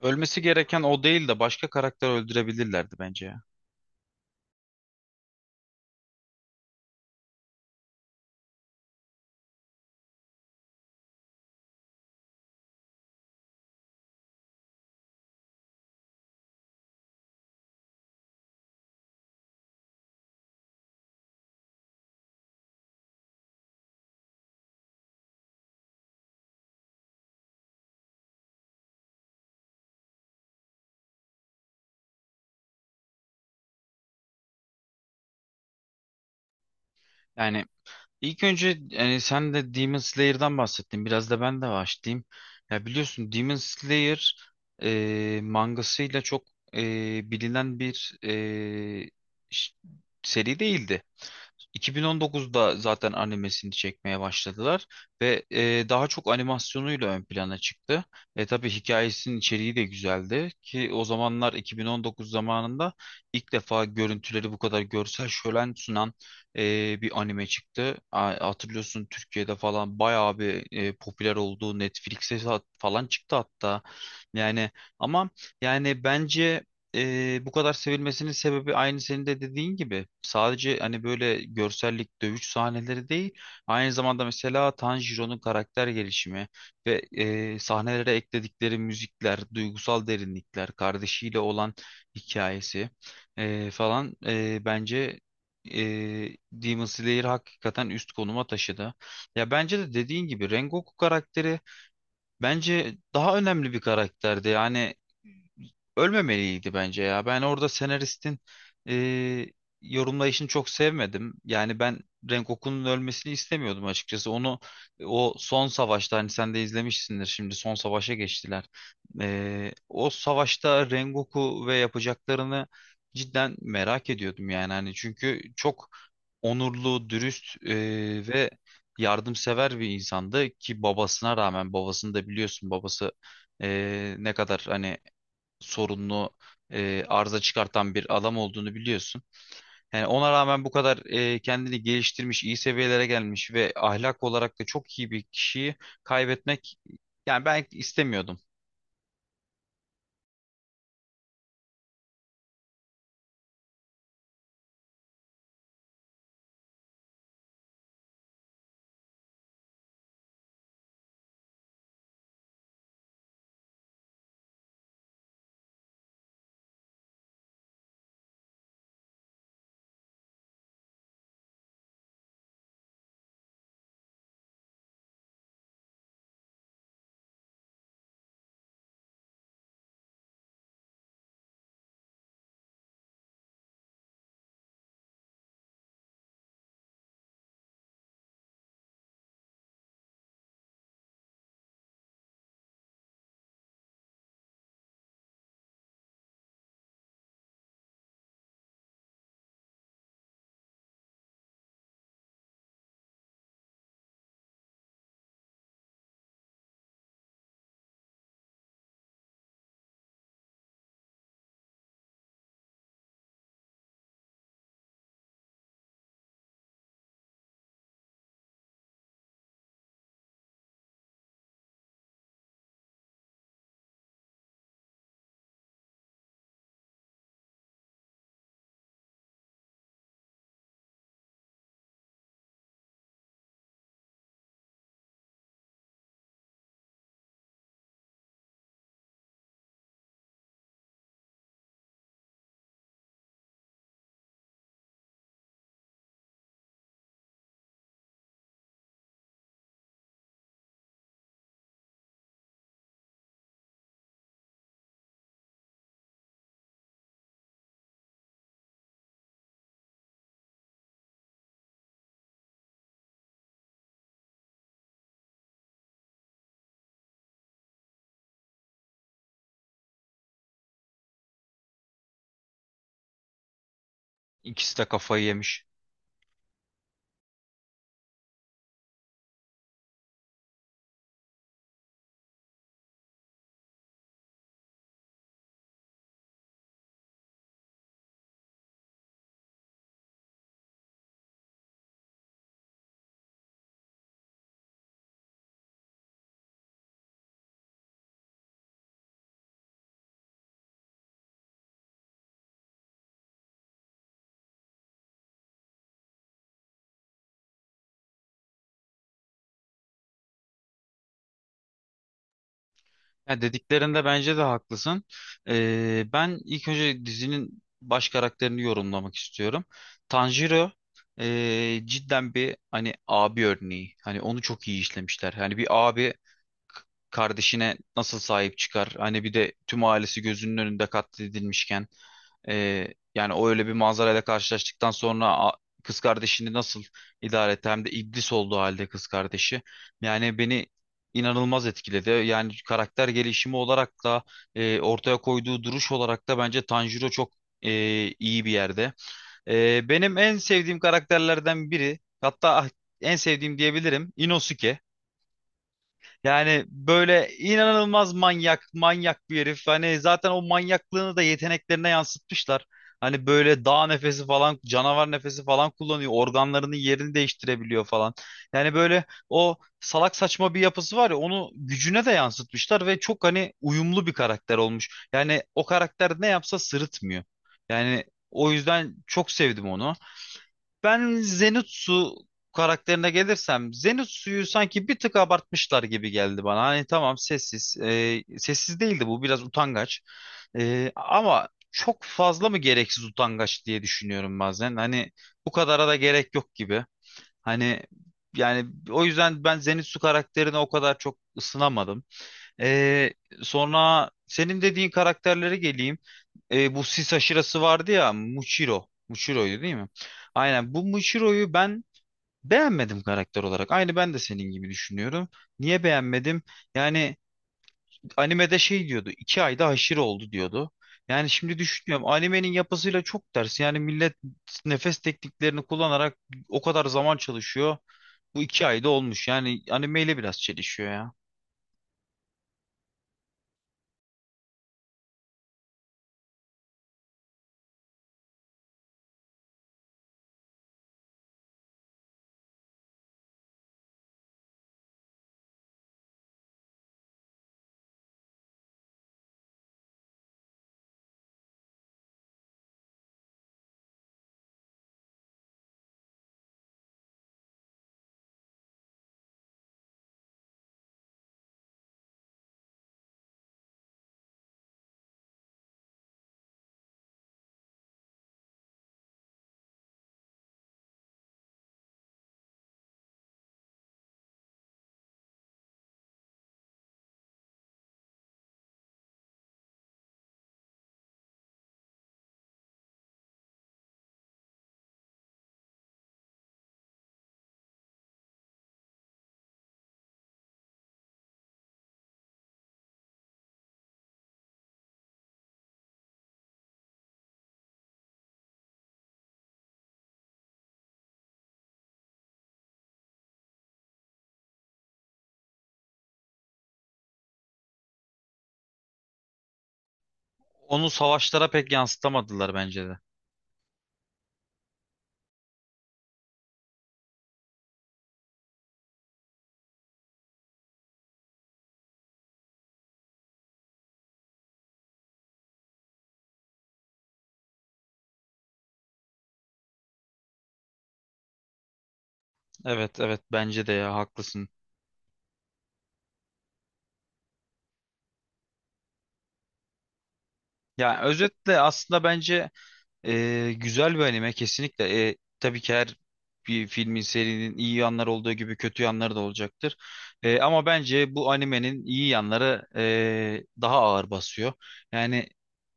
Ölmesi gereken o değil de başka karakter öldürebilirlerdi bence ya. Yani ilk önce yani sen de Demon Slayer'dan bahsettin. Biraz da ben de başlayayım. Ya biliyorsun Demon Slayer mangasıyla çok bilinen bir ş- seri değildi. 2019'da zaten animesini çekmeye başladılar ve daha çok animasyonuyla ön plana çıktı. Tabii hikayesinin içeriği de güzeldi ki o zamanlar 2019 zamanında ilk defa görüntüleri bu kadar görsel şölen sunan bir anime çıktı. Hatırlıyorsun, Türkiye'de falan bayağı bir popüler olduğu, Netflix'e falan çıktı hatta. Yani, ama yani bence bu kadar sevilmesinin sebebi aynı senin de dediğin gibi. Sadece hani böyle görsellik, dövüş sahneleri değil. Aynı zamanda mesela Tanjiro'nun karakter gelişimi ve sahnelere ekledikleri müzikler, duygusal derinlikler, kardeşiyle olan hikayesi falan bence Demon Slayer hakikaten üst konuma taşıdı. Ya bence de dediğin gibi Rengoku karakteri, bence daha önemli bir karakterdi. Yani ölmemeliydi bence ya. Ben orada senaristin e, yorumlayışını çok sevmedim. Yani ben Rengoku'nun ölmesini istemiyordum açıkçası. Onu o son savaşta hani sen de izlemişsindir, şimdi son savaşa geçtiler. O savaşta Rengoku ve yapacaklarını cidden merak ediyordum yani hani, çünkü çok onurlu, dürüst ve yardımsever bir insandı ki babasına rağmen, babasını da biliyorsun, babası ne kadar hani sorunlu, arıza çıkartan bir adam olduğunu biliyorsun. Yani ona rağmen bu kadar kendini geliştirmiş, iyi seviyelere gelmiş ve ahlak olarak da çok iyi bir kişiyi kaybetmek, yani ben istemiyordum. İkisi de kafayı yemiş. Ya dediklerinde bence de haklısın. Ben ilk önce dizinin baş karakterini yorumlamak istiyorum. Tanjiro cidden bir hani abi örneği. Hani onu çok iyi işlemişler. Hani bir abi kardeşine nasıl sahip çıkar? Hani bir de tüm ailesi gözünün önünde katledilmişken, e, yani o öyle bir manzarayla karşılaştıktan sonra kız kardeşini nasıl idare etti? Hem de iblis olduğu halde kız kardeşi. Yani beni inanılmaz etkiledi. Yani karakter gelişimi olarak da, ortaya koyduğu duruş olarak da bence Tanjiro çok e, iyi bir yerde. Benim en sevdiğim karakterlerden biri, hatta en sevdiğim diyebilirim, Inosuke. Yani böyle inanılmaz manyak, manyak bir herif. Hani zaten o manyaklığını da yeteneklerine yansıtmışlar. Hani böyle dağ nefesi falan, canavar nefesi falan kullanıyor. Organlarının yerini değiştirebiliyor falan. Yani böyle o salak saçma bir yapısı var ya, onu gücüne de yansıtmışlar ve çok hani uyumlu bir karakter olmuş. Yani o karakter ne yapsa sırıtmıyor. Yani o yüzden çok sevdim onu. Ben Zenitsu karakterine gelirsem, Zenitsu'yu sanki bir tık abartmışlar gibi geldi bana. Hani tamam, sessiz. Sessiz değildi, bu biraz utangaç. Ama çok fazla mı gereksiz utangaç diye düşünüyorum bazen. Hani bu kadara da gerek yok gibi. Hani, yani o yüzden ben Zenitsu karakterine o kadar çok ısınamadım. E, sonra senin dediğin karakterlere geleyim. Bu sis aşırası vardı ya, Muichiro. Muichiro'ydu değil mi? Aynen, bu Muichiro'yu ben beğenmedim karakter olarak. Aynı ben de senin gibi düşünüyorum. Niye beğenmedim? Yani animede şey diyordu. 2 ayda haşır oldu diyordu. Yani şimdi düşünüyorum, animenin yapısıyla çok ters. Yani millet nefes tekniklerini kullanarak o kadar zaman çalışıyor. Bu 2 ayda olmuş. Yani animeyle biraz çelişiyor ya. Onu savaşlara pek yansıtamadılar bence de. Evet, evet, bence de ya, haklısın. Yani özetle aslında bence güzel bir anime kesinlikle. Tabii ki her bir filmin, serinin iyi yanları olduğu gibi kötü yanları da olacaktır. Ama bence bu animenin iyi yanları daha ağır basıyor. Yani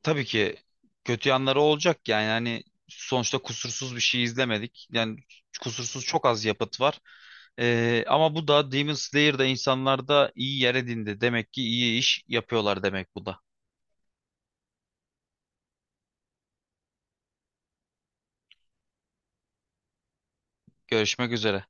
tabii ki kötü yanları olacak, yani hani sonuçta kusursuz bir şey izlemedik. Yani kusursuz çok az yapıt var. Ama bu da Demon Slayer'da insanlarda iyi yer edindi. Demek ki iyi iş yapıyorlar, demek bu da. Görüşmek üzere.